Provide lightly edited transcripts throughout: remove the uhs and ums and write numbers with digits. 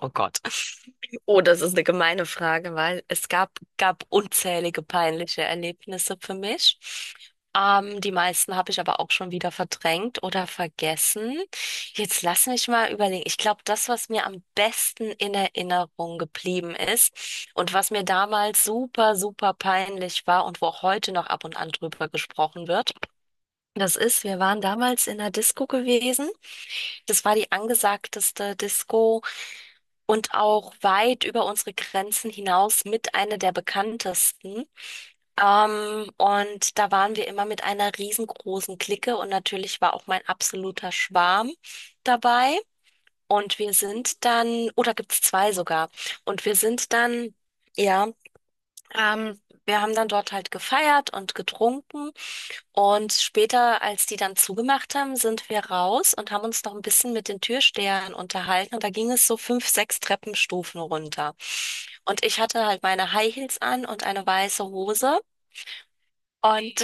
Oh Gott. Oh, das ist eine gemeine Frage, weil es gab unzählige peinliche Erlebnisse für mich. Die meisten habe ich aber auch schon wieder verdrängt oder vergessen. Jetzt lass mich mal überlegen. Ich glaube, das, was mir am besten in Erinnerung geblieben ist und was mir damals super, super peinlich war und wo auch heute noch ab und an drüber gesprochen wird, das ist, wir waren damals in einer Disco gewesen. Das war die angesagteste Disco und auch weit über unsere Grenzen hinaus mit einer der bekanntesten. Und da waren wir immer mit einer riesengroßen Clique und natürlich war auch mein absoluter Schwarm dabei. Und wir sind dann, oder gibt's zwei sogar, und wir sind dann. Ja, ähm, wir haben dann dort halt gefeiert und getrunken und später, als die dann zugemacht haben, sind wir raus und haben uns noch ein bisschen mit den Türstehern unterhalten und da ging es so fünf, sechs Treppenstufen runter. Und ich hatte halt meine High Heels an und eine weiße Hose und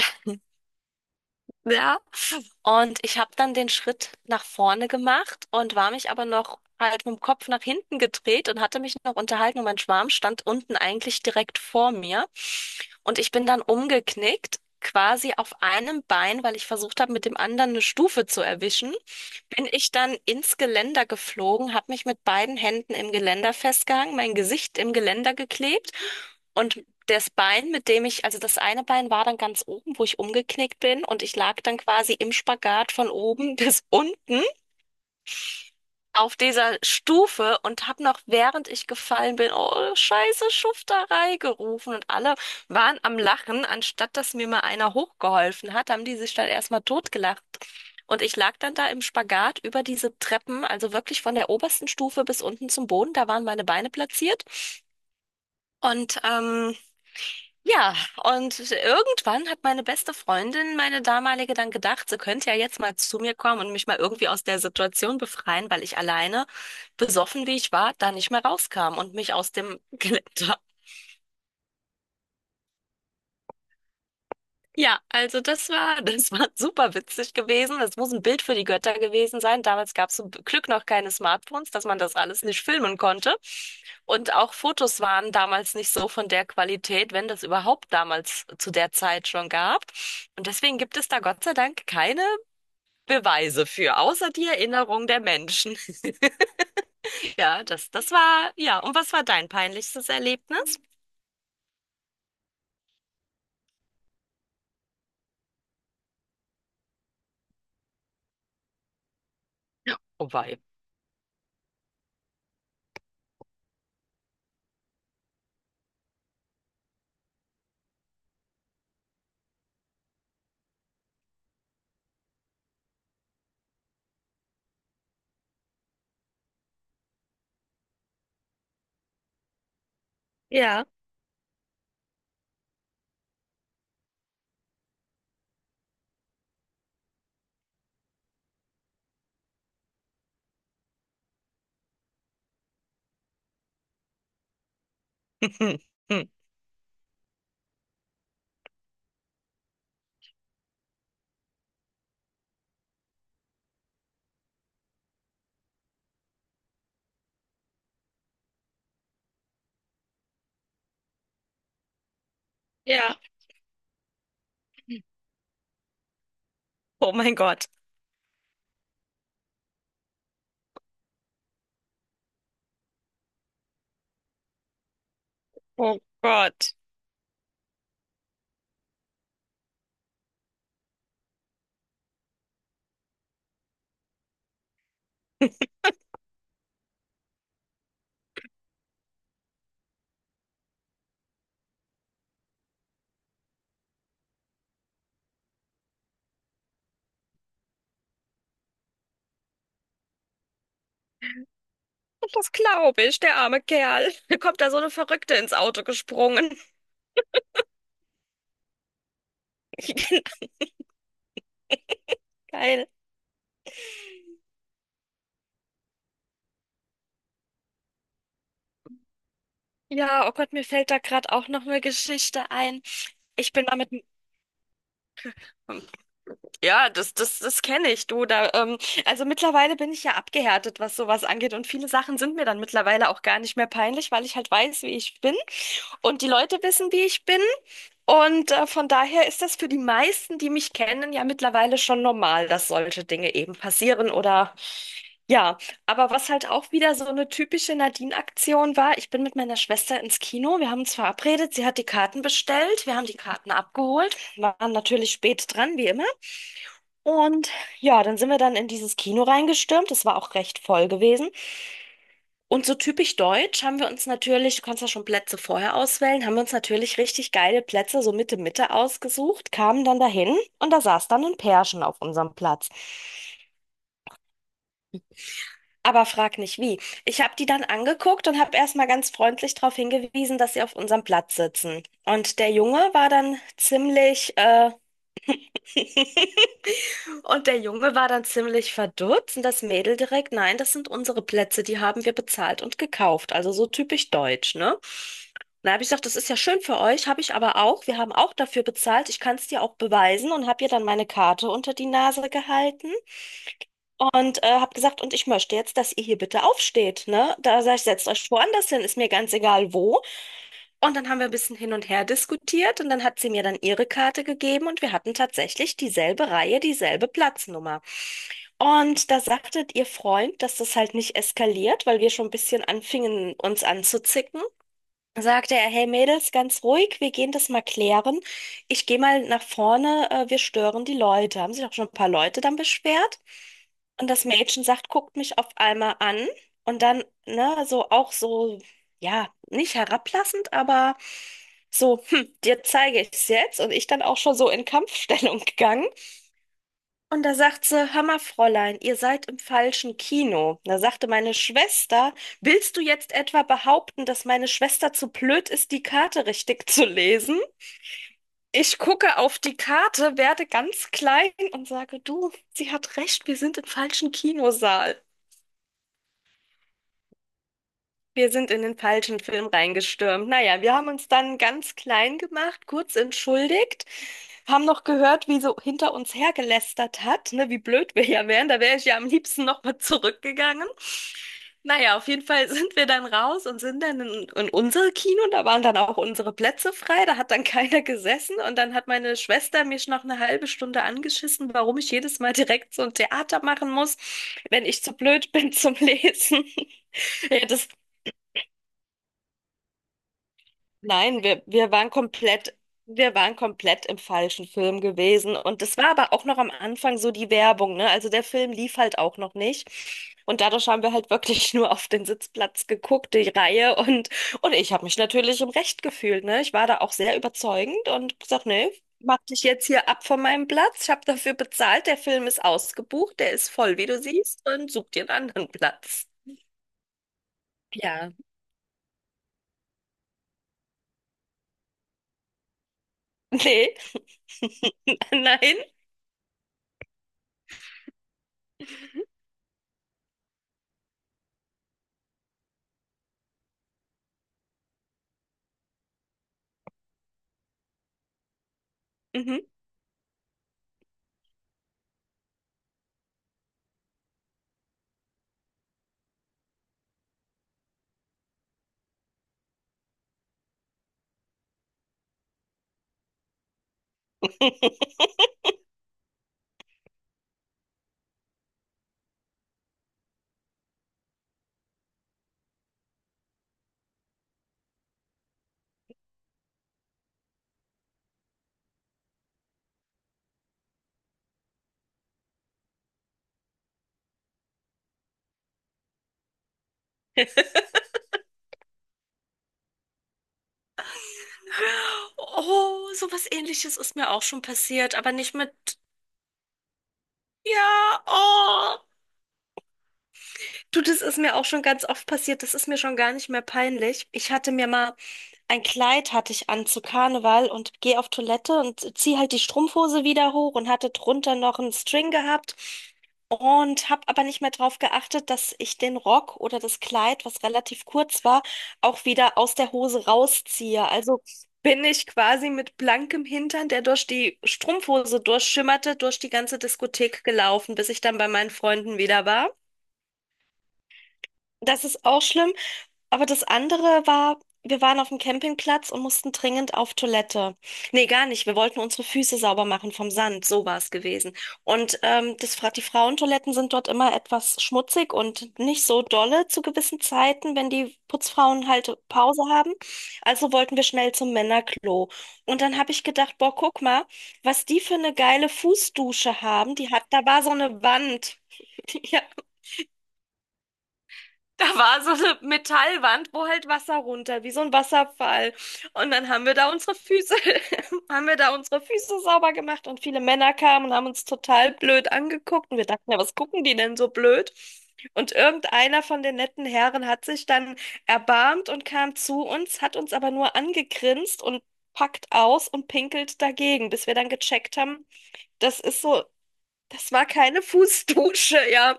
ja, und ich habe dann den Schritt nach vorne gemacht und war mich aber noch halt mit dem Kopf nach hinten gedreht und hatte mich noch unterhalten und mein Schwarm stand unten eigentlich direkt vor mir. Und ich bin dann umgeknickt, quasi auf einem Bein, weil ich versucht habe, mit dem anderen eine Stufe zu erwischen, bin ich dann ins Geländer geflogen, habe mich mit beiden Händen im Geländer festgehangen, mein Gesicht im Geländer geklebt und das Bein, mit dem ich, also das eine Bein war dann ganz oben, wo ich umgeknickt bin und ich lag dann quasi im Spagat von oben bis unten auf dieser Stufe und habe noch, während ich gefallen bin, oh, scheiße Schufterei gerufen und alle waren am Lachen. Anstatt dass mir mal einer hochgeholfen hat, haben die sich dann erstmal totgelacht. Und ich lag dann da im Spagat über diese Treppen, also wirklich von der obersten Stufe bis unten zum Boden. Da waren meine Beine platziert. Und ja, und irgendwann hat meine beste Freundin, meine damalige, dann gedacht, sie könnte ja jetzt mal zu mir kommen und mich mal irgendwie aus der Situation befreien, weil ich alleine, besoffen wie ich war, da nicht mehr rauskam und mich aus dem Geländer. Ja, also das war super witzig gewesen. Das muss ein Bild für die Götter gewesen sein. Damals gab es zum Glück noch keine Smartphones, dass man das alles nicht filmen konnte. Und auch Fotos waren damals nicht so von der Qualität, wenn das überhaupt damals zu der Zeit schon gab. Und deswegen gibt es da Gott sei Dank keine Beweise für, außer die Erinnerung der Menschen. Ja, das, das war, ja. Und was war dein peinlichstes Erlebnis? Oh wei. Ja, ja. Oh mein Gott. Oh Gott. Das glaube ich, der arme Kerl. Mir kommt da so eine Verrückte ins Auto gesprungen. Geil. Ja, oh Gott, mir fällt da gerade auch noch eine Geschichte ein. Ich bin damit. Ja, das kenne ich, du. Da, also mittlerweile bin ich ja abgehärtet, was sowas angeht. Und viele Sachen sind mir dann mittlerweile auch gar nicht mehr peinlich, weil ich halt weiß, wie ich bin. Und die Leute wissen, wie ich bin. Und von daher ist das für die meisten, die mich kennen, ja mittlerweile schon normal, dass solche Dinge eben passieren. Oder ja, aber was halt auch wieder so eine typische Nadine-Aktion war, ich bin mit meiner Schwester ins Kino, wir haben uns verabredet, sie hat die Karten bestellt, wir haben die Karten abgeholt, waren natürlich spät dran, wie immer. Und ja, dann sind wir dann in dieses Kino reingestürmt, es war auch recht voll gewesen. Und so typisch deutsch haben wir uns natürlich, du kannst ja schon Plätze vorher auswählen, haben wir uns natürlich richtig geile Plätze so Mitte Mitte ausgesucht, kamen dann dahin und da saß dann ein Pärchen auf unserem Platz. Aber frag nicht wie. Ich habe die dann angeguckt und habe erstmal ganz freundlich darauf hingewiesen, dass sie auf unserem Platz sitzen. Und der Junge war dann ziemlich, und der Junge war dann ziemlich verdutzt und das Mädel direkt, nein, das sind unsere Plätze, die haben wir bezahlt und gekauft. Also so typisch deutsch, ne? Und da habe ich gesagt, das ist ja schön für euch, habe ich aber auch. Wir haben auch dafür bezahlt. Ich kann es dir auch beweisen und habe ihr dann meine Karte unter die Nase gehalten. Und habe gesagt, und ich möchte jetzt, dass ihr hier bitte aufsteht, ne? Da sag ich, setzt euch woanders hin, ist mir ganz egal wo. Und dann haben wir ein bisschen hin und her diskutiert und dann hat sie mir dann ihre Karte gegeben und wir hatten tatsächlich dieselbe Reihe, dieselbe Platznummer. Und da sagte ihr Freund, dass das halt nicht eskaliert, weil wir schon ein bisschen anfingen, uns anzuzicken, sagte er, hey Mädels, ganz ruhig, wir gehen das mal klären. Ich gehe mal nach vorne, wir stören die Leute. Haben sich auch schon ein paar Leute dann beschwert. Und das Mädchen sagt, guckt mich auf einmal an und dann, ne, so auch so, ja, nicht herablassend, aber so, hm, dir zeige ich es jetzt. Und ich dann auch schon so in Kampfstellung gegangen. Und da sagt sie, hör mal, Fräulein, ihr seid im falschen Kino. Da sagte meine Schwester, willst du jetzt etwa behaupten, dass meine Schwester zu blöd ist, die Karte richtig zu lesen? Ich gucke auf die Karte, werde ganz klein und sage, du, sie hat recht, wir sind im falschen Kinosaal. Wir sind in den falschen Film reingestürmt. Naja, wir haben uns dann ganz klein gemacht, kurz entschuldigt, haben noch gehört, wie so hinter uns hergelästert hat, ne, wie blöd wir ja wären. Da wäre ich ja am liebsten nochmal zurückgegangen. Naja, auf jeden Fall sind wir dann raus und sind dann in unser Kino. Da waren dann auch unsere Plätze frei. Da hat dann keiner gesessen. Und dann hat meine Schwester mich noch eine halbe Stunde angeschissen, warum ich jedes Mal direkt so ein Theater machen muss, wenn ich zu blöd bin zum Lesen. Ja, das. Nein, wir waren komplett im falschen Film gewesen. Und das war aber auch noch am Anfang so die Werbung, ne? Also der Film lief halt auch noch nicht. Und dadurch haben wir halt wirklich nur auf den Sitzplatz geguckt, die Reihe. Und ich habe mich natürlich im Recht gefühlt, ne? Ich war da auch sehr überzeugend und gesagt, nee, mach dich jetzt hier ab von meinem Platz. Ich habe dafür bezahlt. Der Film ist ausgebucht, der ist voll, wie du siehst, und such dir einen anderen Platz. Ja, nee, nein. Mhm. Oh, sowas Ähnliches ist mir auch schon passiert, aber nicht mit. Ja, oh. Du, das ist mir auch schon ganz oft passiert. Das ist mir schon gar nicht mehr peinlich. Ich hatte mir mal ein Kleid hatte ich an zu Karneval und gehe auf Toilette und ziehe halt die Strumpfhose wieder hoch und hatte drunter noch einen String gehabt und habe aber nicht mehr drauf geachtet, dass ich den Rock oder das Kleid, was relativ kurz war, auch wieder aus der Hose rausziehe. Also bin ich quasi mit blankem Hintern, der durch die Strumpfhose durchschimmerte, durch die ganze Diskothek gelaufen, bis ich dann bei meinen Freunden wieder war. Das ist auch schlimm. Aber das andere war, wir waren auf dem Campingplatz und mussten dringend auf Toilette. Nee, gar nicht. Wir wollten unsere Füße sauber machen vom Sand. So war es gewesen. Und das, die Frauentoiletten sind dort immer etwas schmutzig und nicht so dolle zu gewissen Zeiten, wenn die Putzfrauen halt Pause haben. Also wollten wir schnell zum Männerklo. Und dann habe ich gedacht, boah, guck mal, was die für eine geile Fußdusche haben. Die hat, da war so eine Wand. Ja, da war so eine Metallwand, wo halt Wasser runter, wie so ein Wasserfall. Und dann haben wir da unsere Füße, haben wir da unsere Füße sauber gemacht und viele Männer kamen und haben uns total blöd angeguckt. Und wir dachten, ja, was gucken die denn so blöd? Und irgendeiner von den netten Herren hat sich dann erbarmt und kam zu uns, hat uns aber nur angegrinst und packt aus und pinkelt dagegen, bis wir dann gecheckt haben, das ist so, das war keine Fußdusche, ja.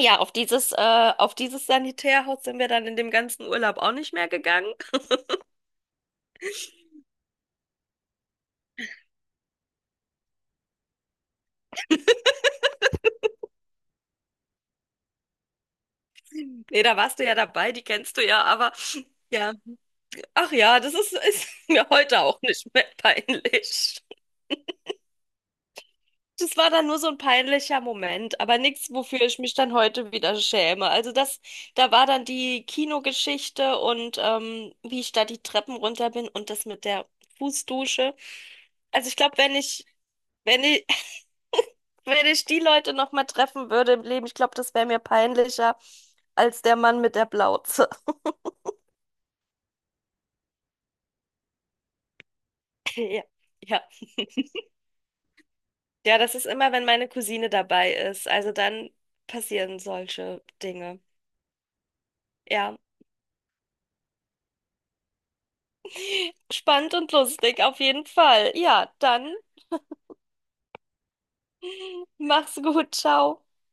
Ja, auf dieses Sanitärhaus sind wir dann in dem ganzen Urlaub auch nicht mehr gegangen. Nee, da warst du ja dabei, die kennst du ja, aber ja, ach ja, das ist, ist mir heute auch nicht mehr peinlich. Das war dann nur so ein peinlicher Moment, aber nichts, wofür ich mich dann heute wieder schäme. Also das, da war dann die Kinogeschichte und wie ich da die Treppen runter bin und das mit der Fußdusche. Also ich glaube, wenn ich wenn ich die Leute noch mal treffen würde im Leben, ich glaube, das wäre mir peinlicher als der Mann mit der Plauze. Ja, ja. Ja, das ist immer, wenn meine Cousine dabei ist. Also dann passieren solche Dinge. Ja, spannend und lustig auf jeden Fall. Ja, dann mach's gut, ciao.